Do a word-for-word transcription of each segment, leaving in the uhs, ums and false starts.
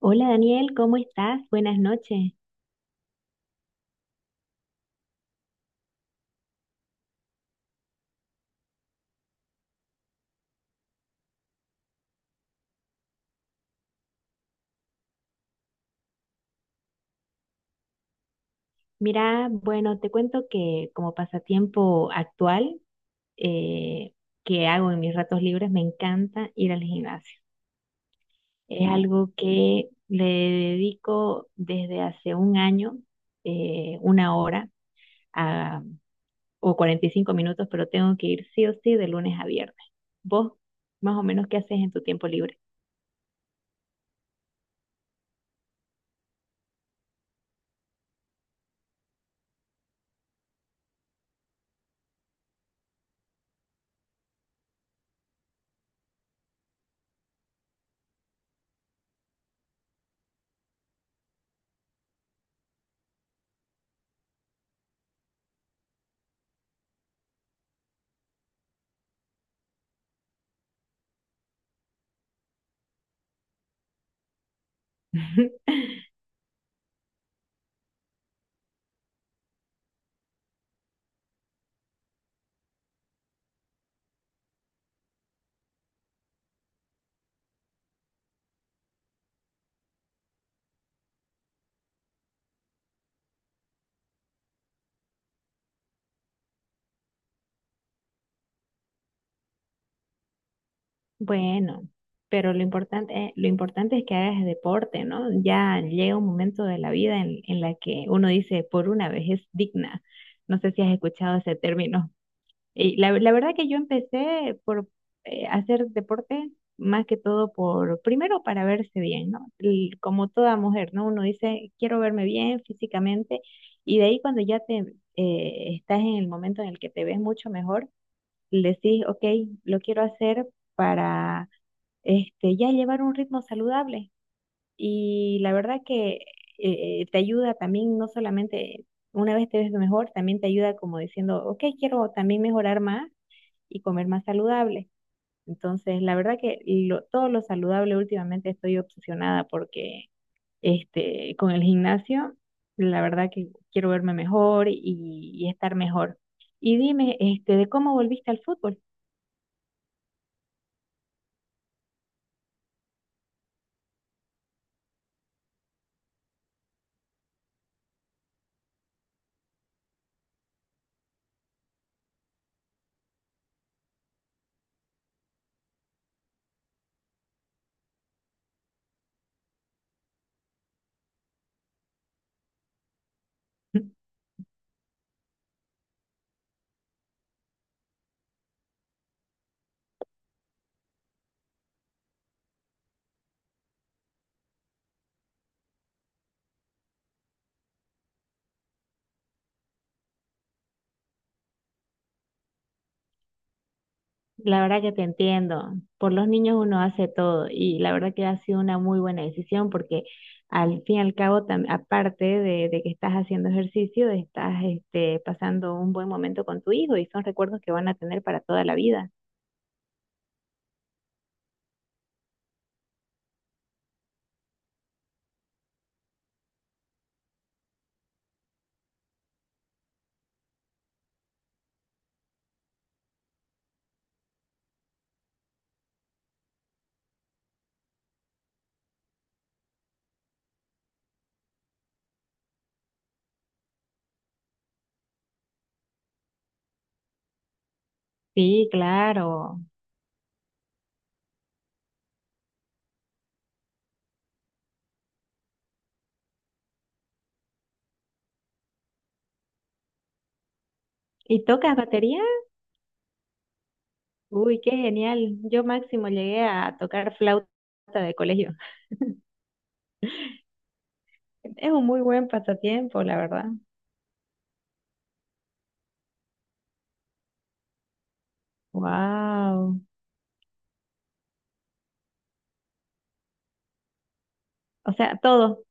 Hola Daniel, ¿cómo estás? Buenas noches. Mira, bueno, te cuento que como pasatiempo actual eh, que hago en mis ratos libres, me encanta ir al gimnasio. Es algo que le dedico desde hace un año, eh, una hora a- o cuarenta y cinco minutos, pero tengo que ir sí o sí de lunes a viernes. ¿Vos más o menos qué haces en tu tiempo libre? Bueno, pero lo importante, lo importante es que hagas deporte, ¿no? Ya llega un momento de la vida en, en la que uno dice, por una vez es digna. No sé si has escuchado ese término. Y la, la verdad que yo empecé por eh, hacer deporte más que todo por, primero para verse bien, ¿no? Y como toda mujer, ¿no? Uno dice, quiero verme bien físicamente y de ahí cuando ya te eh, estás en el momento en el que te ves mucho mejor, decís, ok, lo quiero hacer para este, ya llevar un ritmo saludable. Y la verdad que eh, eh, te ayuda también, no solamente una vez te ves mejor, también te ayuda como diciendo, ok, quiero también mejorar más y comer más saludable. Entonces, la verdad que lo- todo lo saludable últimamente estoy obsesionada porque este, con el gimnasio, la verdad que quiero verme mejor y, y estar mejor. Y dime, este, ¿de cómo volviste al fútbol? La verdad que te entiendo. Por los niños uno hace todo y la verdad que ha sido una muy buena decisión porque al fin y al cabo, tam- aparte de, de que estás haciendo ejercicio, estás este, pasando un buen momento con tu hijo y son recuerdos que van a tener para toda la vida. Sí, claro. ¿Y tocas batería? Uy, qué genial. Yo máximo llegué a tocar flauta de colegio. Es un muy buen pasatiempo, la verdad. Wow. O sea, todo.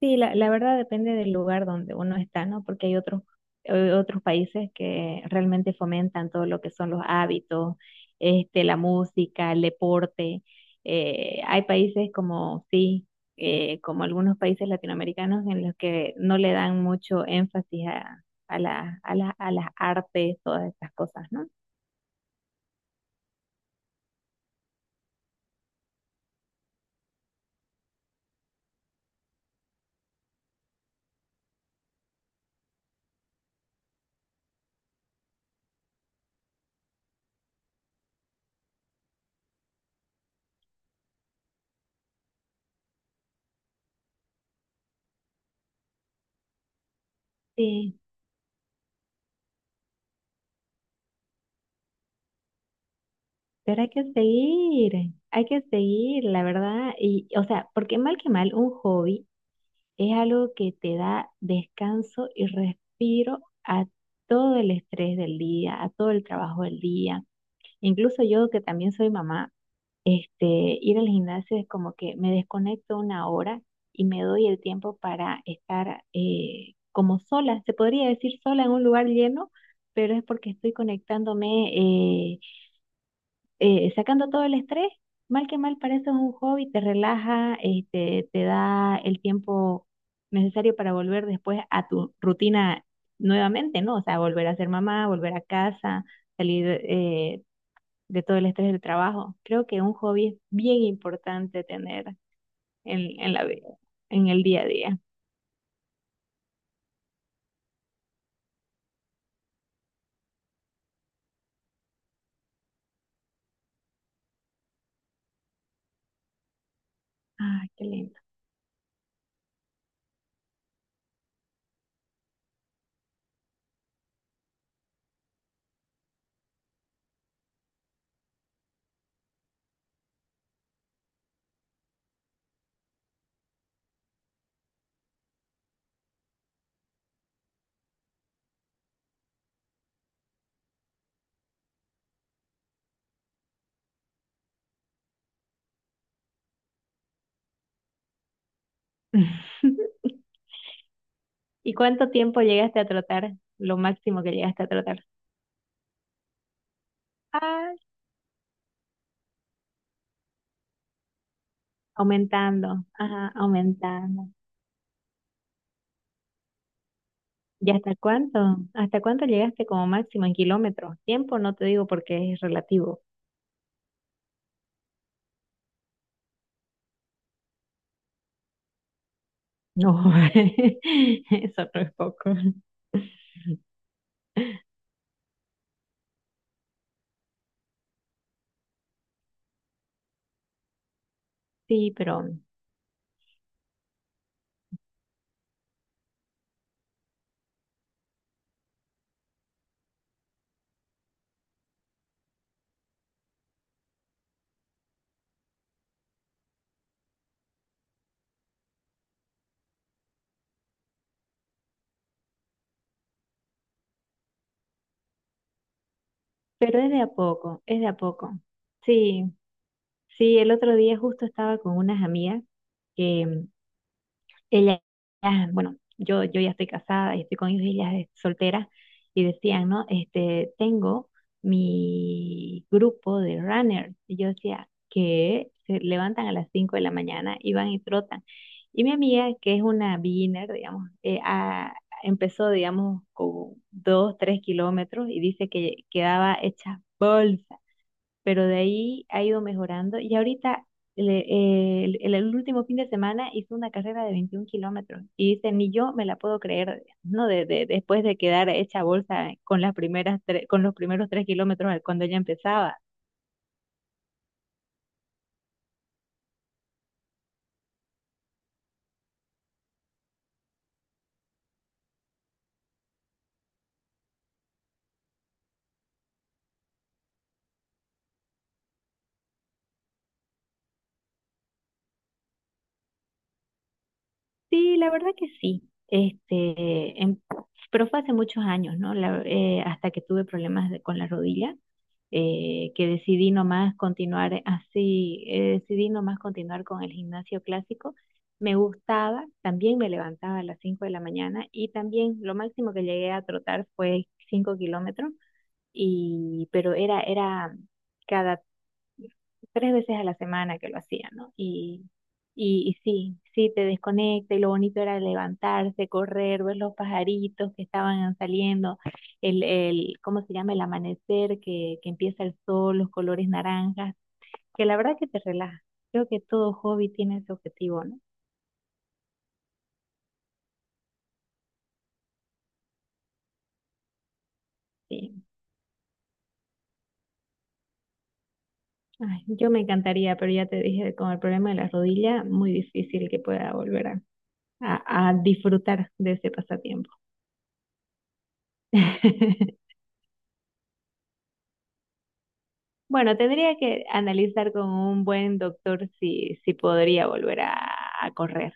Sí, la, la verdad depende del lugar donde uno está, ¿no? Porque hay otros, eh, otros países que realmente fomentan todo lo que son los hábitos, este, la música, el deporte. Eh, hay países como, sí, eh, como algunos países latinoamericanos en los que no le dan mucho énfasis a, a la- a la- a las artes, todas estas cosas, ¿no? Sí, pero hay que seguir, hay que seguir, la verdad, y, o sea, porque mal que mal, un hobby es algo que te da descanso y respiro a todo el estrés del día, a todo el trabajo del día. Incluso yo que también soy mamá, este, ir al gimnasio es como que me desconecto una hora y me doy el tiempo para estar eh, como sola, se podría decir sola en un lugar lleno, pero es porque estoy conectándome eh, eh, sacando todo el estrés, mal que mal parece un hobby, te relaja, este, te da el tiempo necesario para volver después a tu rutina nuevamente, ¿no? O sea, volver a ser mamá, volver a casa, salir eh, de todo el estrés del trabajo. Creo que un hobby es bien importante tener en, en la vida, en el día a día. Ay, qué lindo. ¿Y cuánto tiempo llegaste a trotar? Lo máximo que llegaste a trotar. Ay, aumentando, ajá, aumentando. ¿Y hasta cuánto? ¿Hasta cuánto llegaste como máximo en kilómetros? Tiempo no te digo porque es relativo. No, eso no es poco. Sí, pero, pero es de a poco, es de a poco. Sí, sí, el otro día justo estaba con unas amigas que ella, ah, bueno, yo, yo ya estoy casada y estoy con ellos, ella es soltera, y decían, ¿no? Este, tengo mi grupo de runners. Y yo decía, que se levantan a las cinco de la mañana y van y trotan. Y mi amiga, que es una beginner, digamos, eh, ah, empezó, digamos, con dos, tres kilómetros y dice que quedaba hecha bolsa pero de ahí ha ido mejorando y ahorita le- eh, el, el último fin de semana hizo una carrera de veintiún kilómetros y dice, ni yo me la puedo creer, ¿no? De, de- después de quedar hecha bolsa con las primeras tre- con los primeros tres kilómetros cuando ella empezaba. Sí, la verdad que sí. Este, en- pero fue hace muchos años, ¿no? La- eh, hasta que tuve problemas de- con la rodilla, eh, que decidí nomás continuar eh, así, eh, decidí nomás continuar con el gimnasio clásico. Me gustaba, también me levantaba a las cinco de la mañana y también lo máximo que llegué a trotar fue cinco kilómetros, y, pero era, era tres veces a la semana que lo hacía, ¿no? Y, y, y sí, sí, te desconecta y lo bonito era levantarse, correr, ver los pajaritos que estaban saliendo, el, el, ¿cómo se llama? El amanecer, que, que empieza el sol, los colores naranjas, que la verdad que te relaja. Creo que todo hobby tiene ese objetivo, ¿no? Sí. Ay, yo me encantaría, pero ya te dije, con el problema de la rodilla, muy difícil que pueda volver a, a a disfrutar de ese pasatiempo. Bueno, tendría que analizar con un buen doctor si, si podría volver a, a correr.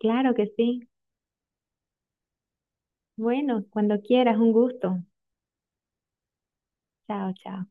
Claro que sí. Bueno, cuando quieras, un gusto. Chao, chao.